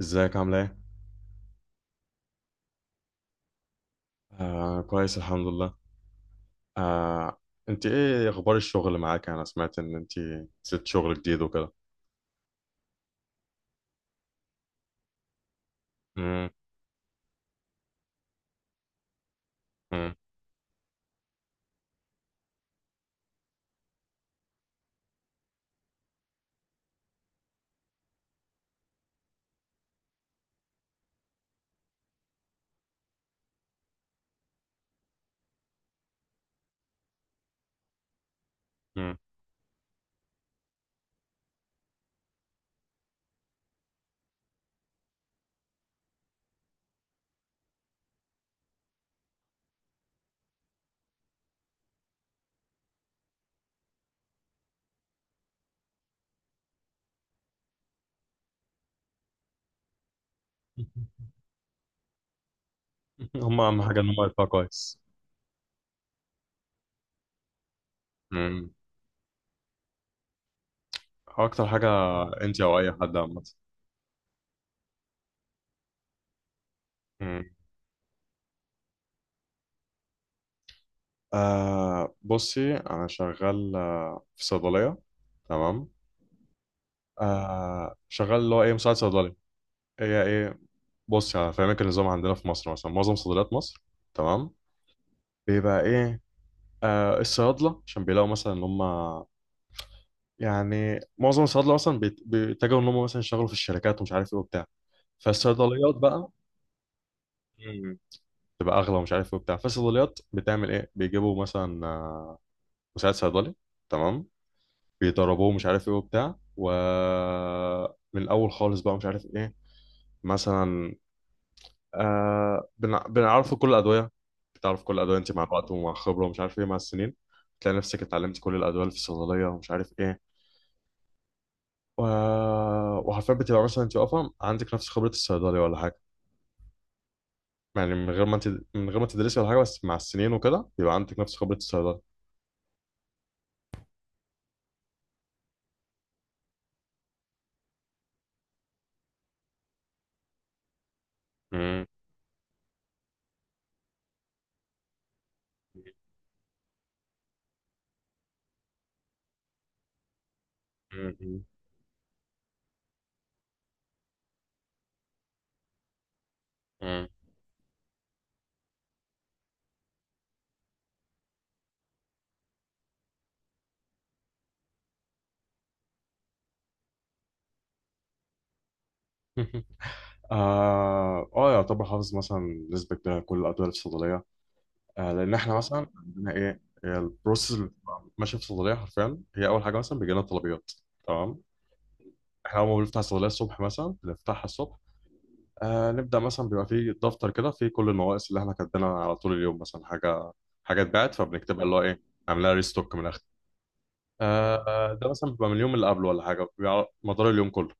ازيك عامله ايه؟ آه، كويس الحمد لله. آه. انت ايه اخبار الشغل معاك؟ انا سمعت ان انت سبت شغل جديد وكده. مم، مم، مم. هم اهم حاجه ان هم يدفعوا كويس. مم. اكتر حاجه. انت او اي حد عامه. مم. بصي انا شغال في صيدليه. تمام. شغال اللي هو ايه مساعد صيدلي. هي ايه؟ بصي هفهمك النظام عندنا في مصر، مثلا معظم صيدليات مصر، تمام، بيبقى ايه الصيادله، عشان بيلاقوا مثلا ان هم، يعني معظم الصيادله مثلا بيتجهوا ان هم مثلا يشتغلوا في الشركات، ومش عارف ايه وبتاع، فالصيدليات بقى. مم. تبقى اغلى ومش عارف ايه وبتاع، فالصيدليات بتعمل ايه، بيجيبوا مثلا مساعد صيدلي. تمام. بيدربوه مش عارف ايه وبتاع، ومن الاول خالص بقى مش عارف ايه، مثلا بنعرفه كل الادويه. بتعرف كل الادويه انت مع الوقت ومع الخبره ومش عارف ايه، مع السنين تلاقي نفسك اتعلمت كل الادويه اللي في الصيدليه، ومش عارف ايه. و... وحرفيا بتبقى مثلا انت واقفه عندك نفس خبره الصيدلي ولا حاجه. يعني من غير ما انت، من غير ما تدرسي ولا حاجه، بس مع السنين وكده بيبقى عندك نفس خبره الصيدلي. مم. مم. مم. مم. يعتبر حافظ مثلا نسبه كبيره كل الادويه الصيدليه. لان احنا مثلا عندنا ايه هي البروسيس اللي بتبقى ماشيه في الصيدليه، حرفيا هي اول حاجه مثلا بيجي لنا طلبيات. تمام. احنا اول ما بنفتح الصيدليه الصبح، مثلا بنفتحها الصبح نبدأ مثلا، بيبقى فيه دفتر كده فيه كل النواقص اللي احنا كاتبينها على طول اليوم. مثلا حاجة حاجة اتباعت فبنكتبها، اللي هو ايه، عاملها ريستوك من الآخر. ده مثلا بيبقى من اليوم اللي قبله ولا حاجة، بيبقى على مدار اليوم كله.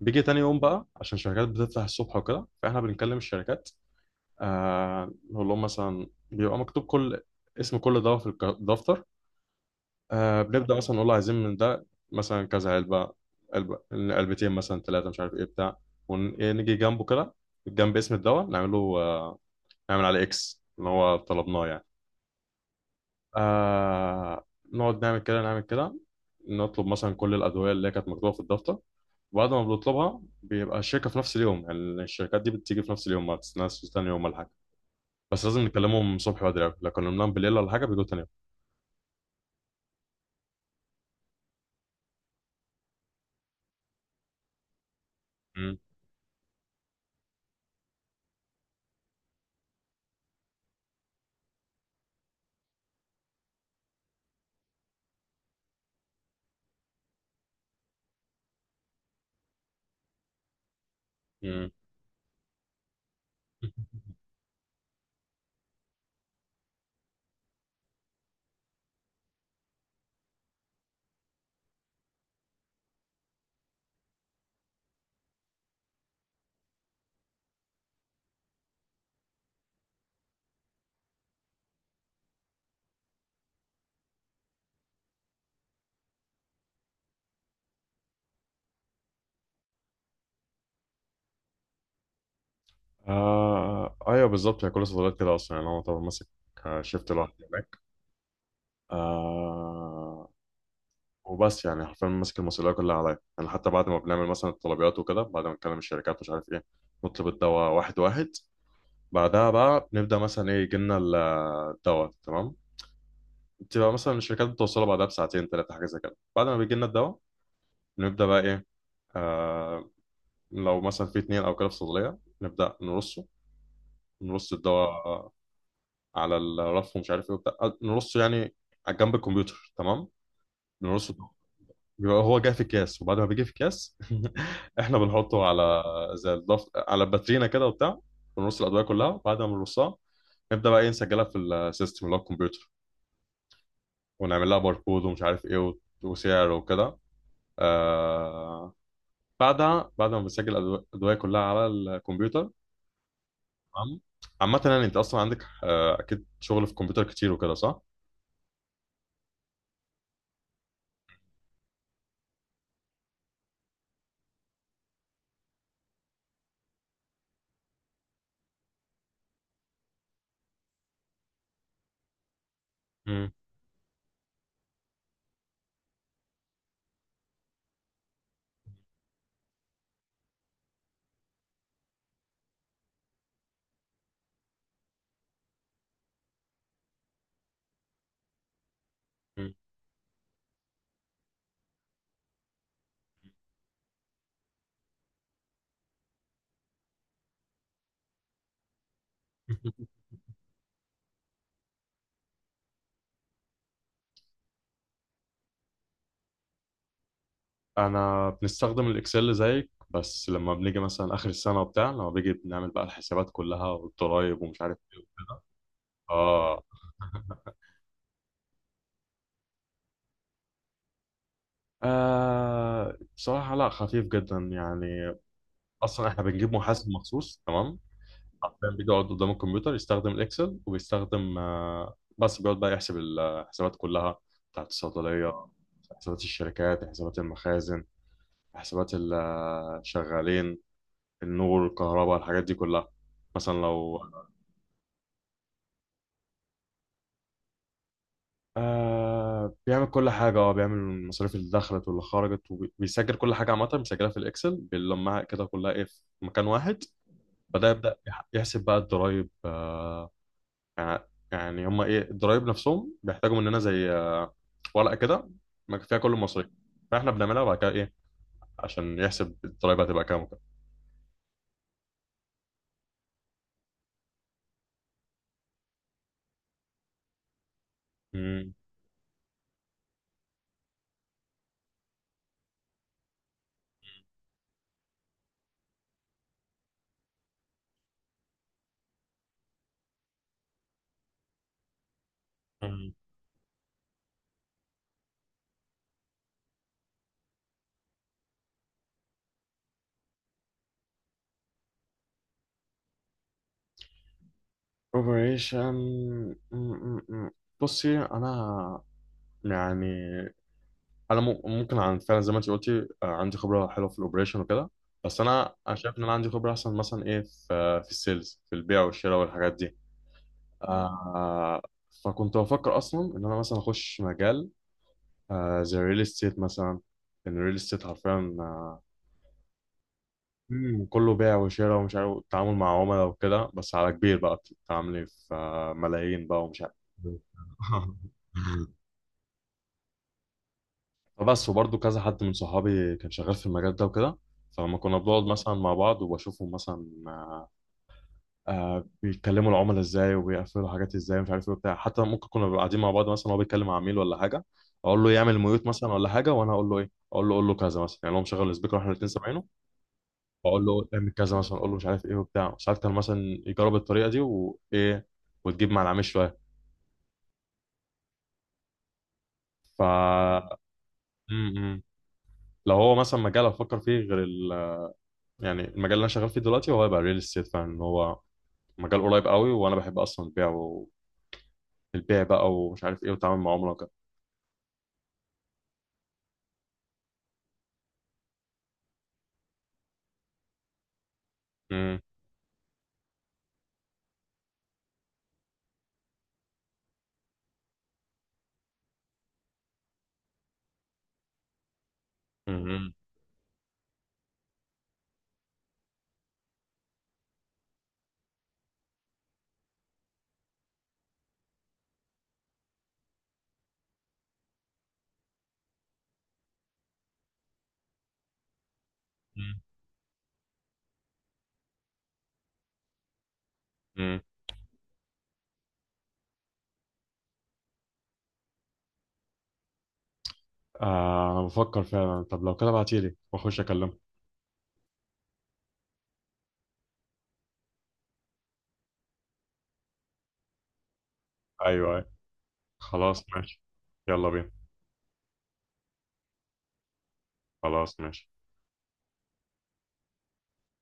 بيجي تاني يوم بقى، عشان الشركات بتفتح الصبح وكده، فاحنا بنكلم الشركات. نقول لهم مثلا، بيبقى مكتوب كل اسم كل دواء في الدفتر. بنبدأ مثلا نقول له عايزين من ده مثلا كذا علبة، علبة علبتين مثلا ثلاثة، مش عارف ايه بتاع. ونيجي جنبه كده، جنب اسم الدواء نعمله، نعمل على اكس اللي هو طلبناه يعني. آه نقعد نعمل كده نعمل كده، نطلب مثلا كل الادويه اللي هي كانت مكتوبه في الدفتر. وبعد ما بنطلبها بيبقى الشركه في نفس اليوم يعني، الشركات دي بتيجي في نفس اليوم، ما بتستناش تاني يوم ولا حاجه. بس لازم نكلمهم الصبح بدري أوي. لو كلمناهم بالليل ولا حاجه بيجوا تاني يوم. مم. مم. ايوه بالظبط، هي كل الصيدليات كده اصلا، يعني هو طبعا ماسك شيفت لوحده هناك. آه وبس، يعني حرفيا ماسك المسؤوليه كلها عليا، يعني حتى بعد ما بنعمل مثلا الطلبيات وكده، بعد ما نكلم الشركات مش عارف ايه، نطلب الدواء واحد واحد. بعدها بقى نبدا مثلا ايه، يجي لنا الدواء. تمام. بتبقى مثلا الشركات بتوصله بعدها بساعتين ثلاثه حاجه زي كده. بعد ما بيجي لنا الدواء نبدا بقى ايه، آه لو مثلا في اتنين او كده في صيدليه نبدا نرصه، نرص الدواء على الرف ومش عارف ايه وبتاع، نرصه يعني على جنب الكمبيوتر. تمام، نرصه. بيبقى هو جاي في الكاس، وبعد ما بيجي في الكاس احنا بنحطه على، على باترينا كده وبتاع، ونرص الادويه كلها. وبعد ما بنرصها نبدا بقى ايه، نسجلها في السيستم اللي هو الكمبيوتر، ونعمل لها باركود ومش عارف ايه وسعر وكده. آه... بعدها، بعد ما بنسجل الادويه كلها على الكمبيوتر، تمام. عامة يعني انت اصلا عندك اكيد شغل في الكمبيوتر كتير وكده، صح؟ مم. مم. انا بنستخدم الاكسل زيك، بس لما بنيجي مثلا اخر السنه وبتاع، لما بيجي بنعمل بقى الحسابات كلها والضرايب ومش عارف ايه وكده. اه. بصراحة لا، خفيف جدا يعني. أصلا إحنا بنجيب محاسب مخصوص. تمام، حرفيا بيقعد قدام الكمبيوتر يستخدم الإكسل، وبيستخدم بس بيقعد بقى يحسب الحسابات كلها بتاعت الصيدلية، حسابات الشركات، حسابات المخازن، حسابات الشغالين، النور، الكهرباء، الحاجات دي كلها. مثلا لو بيعمل كل حاجة، بيعمل المصاريف اللي دخلت واللي خرجت، وبيسجل كل حاجة عامة، بيسجلها في الإكسل، بيلمها كده كلها إيه في مكان واحد. بعدها يبدأ يحسب بقى الضرايب يعني، يعني هما إيه الضرايب نفسهم بيحتاجوا مننا زي ورقة كده ما فيها كل المصاريف، فإحنا بنعملها بعد كده إيه عشان يحسب الضرايب هتبقى كام وكده. مم. مم. أوبريشن. مم، مم، مم. بصي أنا، يعني انا ممكن عن فعلا زي ما انت قلتي، عندي خبره حلوه في الاوبريشن وكده. بس انا شايف ان انا عندي خبره احسن مثلا ايه في السيلز، في البيع والشراء والحاجات دي. آه فكنت بفكر اصلا ان انا مثلا اخش مجال، زي الريل استيت مثلا، ان الريل استيت حرفيا. آه، مم، كله بيع وشراء ومش عارف، التعامل مع عملاء وكده، بس على كبير بقى بتتعاملي في ملايين بقى ومش عارف. فبس، وبرضه كذا حد من صحابي كان شغال في المجال ده وكده، فلما كنا بنقعد مثلا مع بعض وبشوفهم مثلا بيتكلموا العملاء ازاي وبيقفلوا حاجات ازاي مش عارف ايه وبتاع. حتى ممكن كنا بنبقى قاعدين مع بعض، مثلا هو بيتكلم مع عميل ولا حاجه، اقول له يعمل ميوت مثلا ولا حاجه، وانا اقول له ايه، اقول له كذا مثلا، يعني هو مشغل السبيكر واحنا الاثنين سامعينه، واقول له اعمل كذا مثلا، اقول له مش عارف ايه وبتاع. ساعات كان مثلا يجرب الطريقه دي، وايه، وتجيب مع العميل شويه. ف م- م. لو هو مثلا مجال افكر فيه غير، يعني المجال اللي انا شغال فيه دلوقتي، هو هيبقى ريل استيت فعلا، إن هو مجال قريب قوي وانا بحب اصلا البيع، والبيع بقى ومش عارف ايه، والتعامل مع عملاء وكده. مم، مم، مم، مم. انا بفكر فعلا. طب لو كده ابعتيلي واخش اكلمه. ايوه، أيوة. خلاص ماشي. يلا بينا. خلاص ماشي.